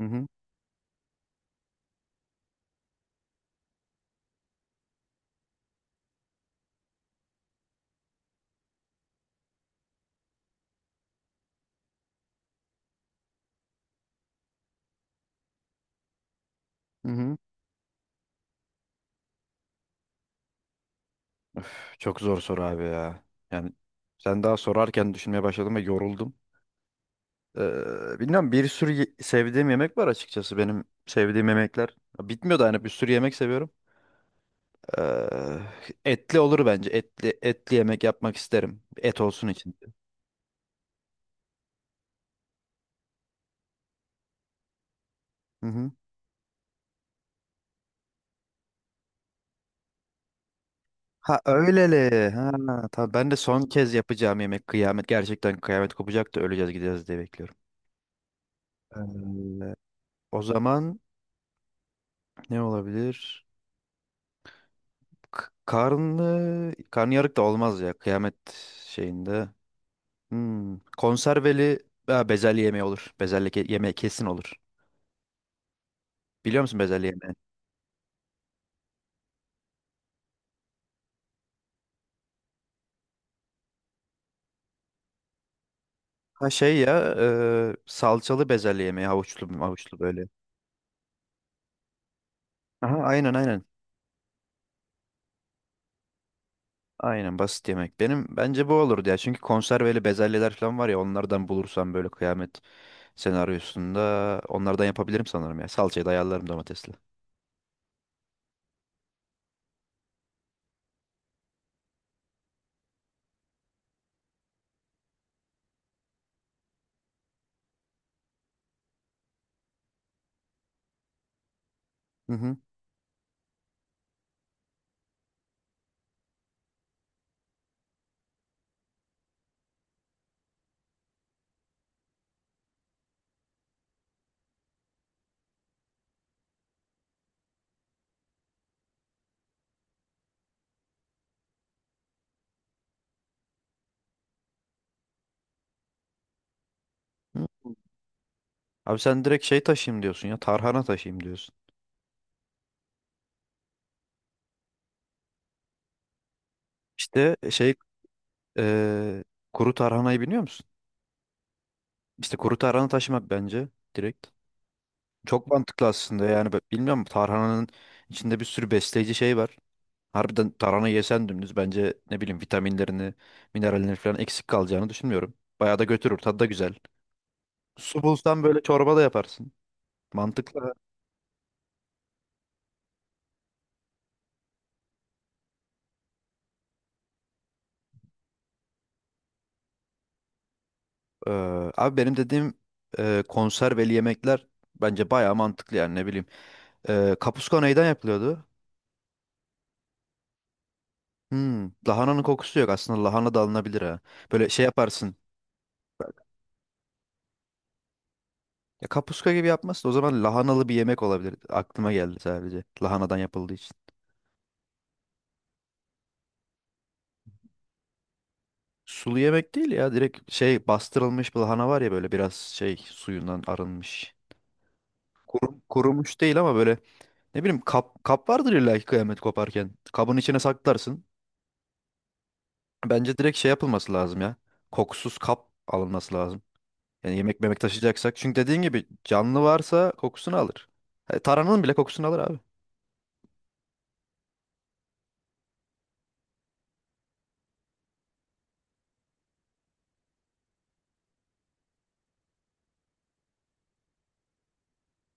Hı hı, hı hı. Çok zor soru abi ya. Yani sen daha sorarken düşünmeye başladım ve yoruldum. Bilmiyorum, bir sürü sevdiğim yemek var, açıkçası benim sevdiğim yemekler. Bitmiyor da hani, bir sürü yemek seviyorum. Ee, Etli olur bence. Etli etli yemek yapmak isterim. Et olsun içinde. Hı hı. Ha öyleli. Ha tabii, ben de son kez yapacağım yemek kıyamet. Gerçekten kıyamet kopacak da öleceğiz gideceğiz diye bekliyorum. Ee, O zaman ne olabilir? Karnı karnıyarık da olmaz ya kıyamet şeyinde. Hmm. Konserveli ha, bezelye yemeği olur. Bezelye yemeği kesin olur. Biliyor musun bezelye yemeği? Ha şey ya, salçalı bezelye yemeği, havuçlu havuçlu böyle. Aha aynen aynen. Aynen, basit yemek. Benim bence bu olurdu ya. Çünkü konserveli bezelyeler falan var ya, onlardan bulursam böyle kıyamet senaryosunda onlardan yapabilirim sanırım ya. Salçayı da ayarlarım domatesle. Hı hı. Hı. Abi sen direkt şey taşıyayım diyorsun ya. Tarhana taşıyayım diyorsun. İşte şey eee, kuru tarhanayı biliyor musun? İşte kuru tarhana taşımak bence, direkt. Çok mantıklı aslında, yani ben bilmiyorum, tarhananın içinde bir sürü besleyici şey var. Harbiden tarhana yesen dümdüz, bence ne bileyim, vitaminlerini, minerallerini falan eksik kalacağını düşünmüyorum. Bayağı da götürür, tadı da güzel. Su bulsan böyle çorba da yaparsın. Mantıklı. Abi benim dediğim konserveli yemekler bence bayağı mantıklı, yani ne bileyim. Kapuska neyden yapılıyordu? Hmm, lahananın kokusu yok. Aslında lahana da alınabilir ha. Böyle şey yaparsın. Ya kapuska gibi yapmazsın. O zaman lahanalı bir yemek olabilir. Aklıma geldi sadece. Lahanadan yapıldığı için. Sulu yemek değil ya. Direkt şey, bastırılmış bir lahana var ya böyle, biraz şey suyundan arınmış. Kurumuş değil ama böyle, ne bileyim kap vardır illa ki kıyamet koparken. Kabın içine saklarsın. Bence direkt şey yapılması lazım ya. Kokusuz kap alınması lazım. Yani yemek memek taşıyacaksak. Çünkü dediğin gibi canlı varsa kokusunu alır. E, taranın bile kokusunu alır abi.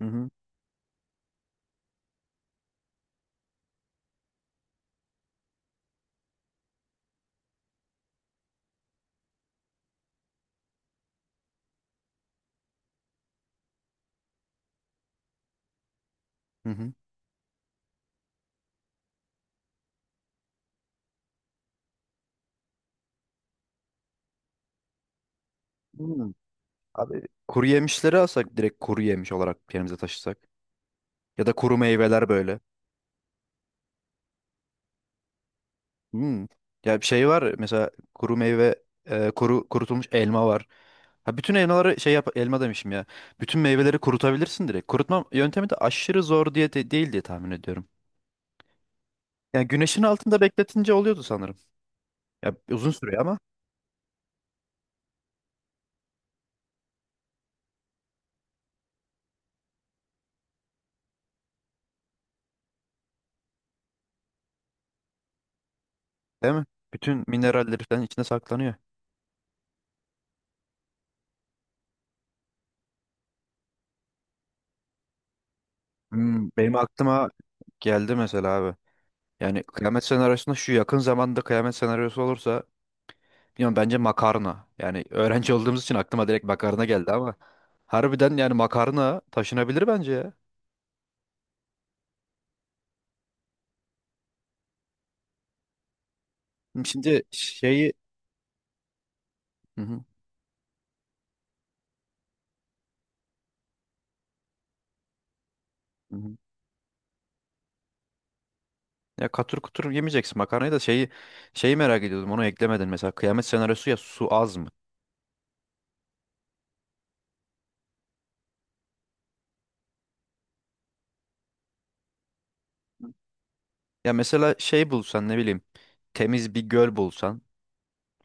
Hı hı. Hı hı. Hmm. Abi kuru yemişleri alsak, direkt kuru yemiş olarak yerimize taşısak. Ya da kuru meyveler böyle. Hmm. Ya bir şey var mesela, kuru meyve, kuru kurutulmuş elma var. Ha, bütün elmaları şey yap, elma demişim ya. Bütün meyveleri kurutabilirsin direkt. Kurutma yöntemi de aşırı zor değil diye tahmin ediyorum. Yani güneşin altında bekletince oluyordu sanırım. Ya uzun sürüyor ama, değil mi? Bütün mineralleri falan içinde saklanıyor. Hmm, benim aklıma geldi mesela abi. Yani kıyamet senaryosunda, şu yakın zamanda kıyamet senaryosu olursa, bilmiyorum, bence makarna. Yani öğrenci olduğumuz için aklıma direkt makarna geldi ama harbiden yani makarna taşınabilir bence ya. Şimdi şeyi. Hı hı, hı hı. Ya katır kutur yemeyeceksin makarnayı da, şeyi merak ediyordum, onu eklemedin mesela, kıyamet senaryosu ya, su az mı? Ya mesela şey bulsan, ne bileyim, temiz bir göl bulsan.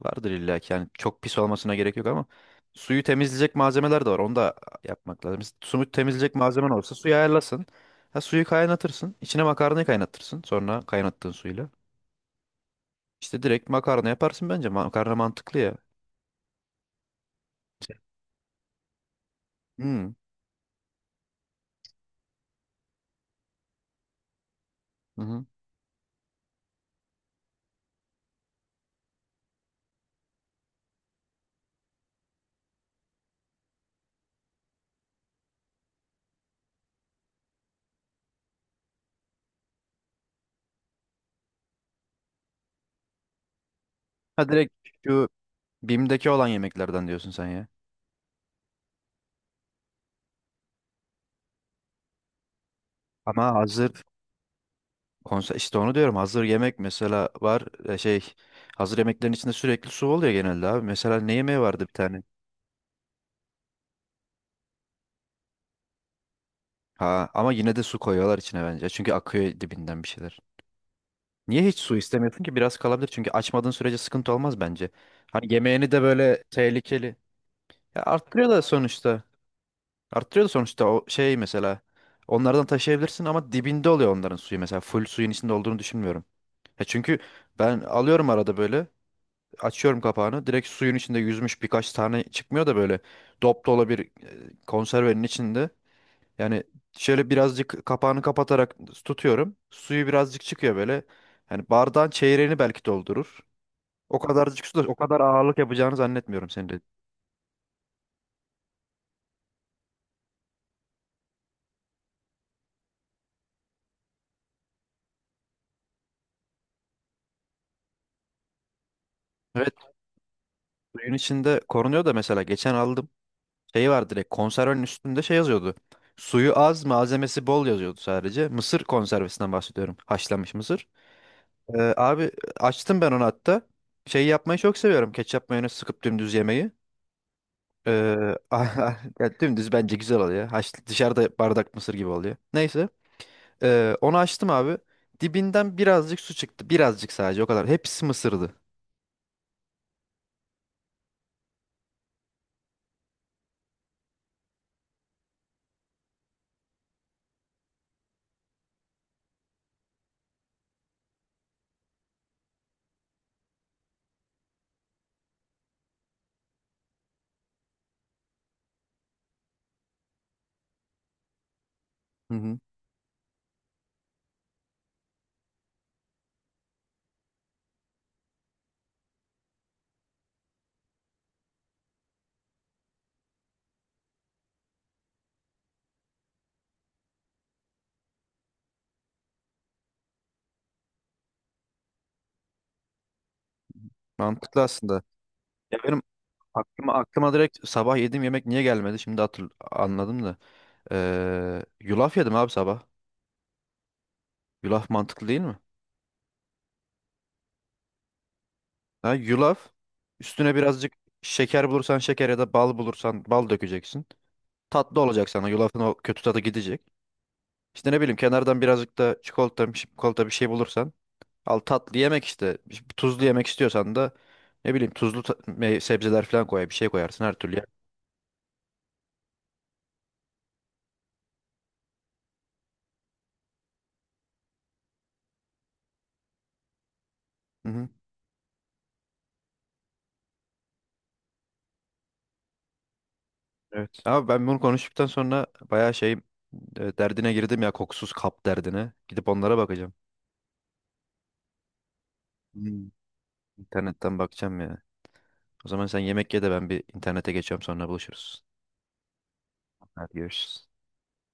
Vardır illa ki, yani çok pis olmasına gerek yok ama suyu temizleyecek malzemeler de var. Onu da yapmak lazım. Mesela suyu temizleyecek malzemen olsa suyu ayarlasın. Ha, suyu kaynatırsın. İçine makarnayı kaynatırsın. Sonra kaynattığın suyla. İşte direkt makarna yaparsın bence. Makarna mantıklı ya. Hmm. Hı hı. Ha direkt şu BİM'deki olan yemeklerden diyorsun sen ya. Ama hazır konser, işte onu diyorum, hazır yemek mesela var, şey, hazır yemeklerin içinde sürekli su oluyor genelde abi. Mesela ne yemeği vardı bir tane? Ha ama yine de su koyuyorlar içine bence. Çünkü akıyor dibinden bir şeyler. Niye hiç su istemiyorsun ki? Biraz kalabilir. Çünkü açmadığın sürece sıkıntı olmaz bence. Hani yemeğini de böyle tehlikeli. Ya arttırıyor da sonuçta. Arttırıyor da sonuçta o şey mesela. Onlardan taşıyabilirsin ama dibinde oluyor onların suyu mesela. Full suyun içinde olduğunu düşünmüyorum. Ya çünkü ben alıyorum arada böyle. Açıyorum kapağını. Direkt suyun içinde yüzmüş birkaç tane çıkmıyor da böyle. Dop dolu bir konservenin içinde. Yani şöyle birazcık kapağını kapatarak tutuyorum. Suyu birazcık çıkıyor böyle. Yani bardağın çeyreğini belki doldurur. O kadarcık su da o kadar ağırlık yapacağını zannetmiyorum senin de. Evet, suyun içinde korunuyor da, mesela geçen aldım. Şey var, direkt konservenin üstünde şey yazıyordu. Suyu az, malzemesi bol yazıyordu sadece. Mısır konservesinden bahsediyorum. Haşlanmış mısır. Abi açtım ben onu hatta. Şey yapmayı çok seviyorum. Ketçap mayonez sıkıp dümdüz yemeyi. Ee, ya dümdüz bence güzel oluyor. Haş, dışarıda bardak mısır gibi oluyor. Neyse. Onu açtım abi. Dibinden birazcık su çıktı. Birazcık sadece, o kadar. Hepsi mısırdı. Hı hı. Mantıklı aslında. Ya benim aklıma direkt sabah yediğim yemek niye gelmedi? Şimdi anladım da. Yulaf yedim abi sabah. Yulaf mantıklı değil mi? Ha, yulaf. Üstüne birazcık şeker bulursan şeker, ya da bal bulursan bal dökeceksin. Tatlı olacak sana. Yulafın o kötü tadı gidecek. İşte ne bileyim, kenardan birazcık da çikolata, çikolata bir şey bulursan al, tatlı yemek işte. Bir tuzlu yemek istiyorsan da ne bileyim tuzlu sebzeler falan koy, bir şey koyarsın her türlü. Yer. Hı hı. Evet. Ama ben bunu konuştuktan sonra bayağı şey, derdine girdim ya, kokusuz kap derdine. Gidip onlara bakacağım. Hmm. İnternetten bakacağım ya. O zaman sen yemek ye de ben bir internete geçiyorum, sonra buluşuruz. Hadi görüşürüz.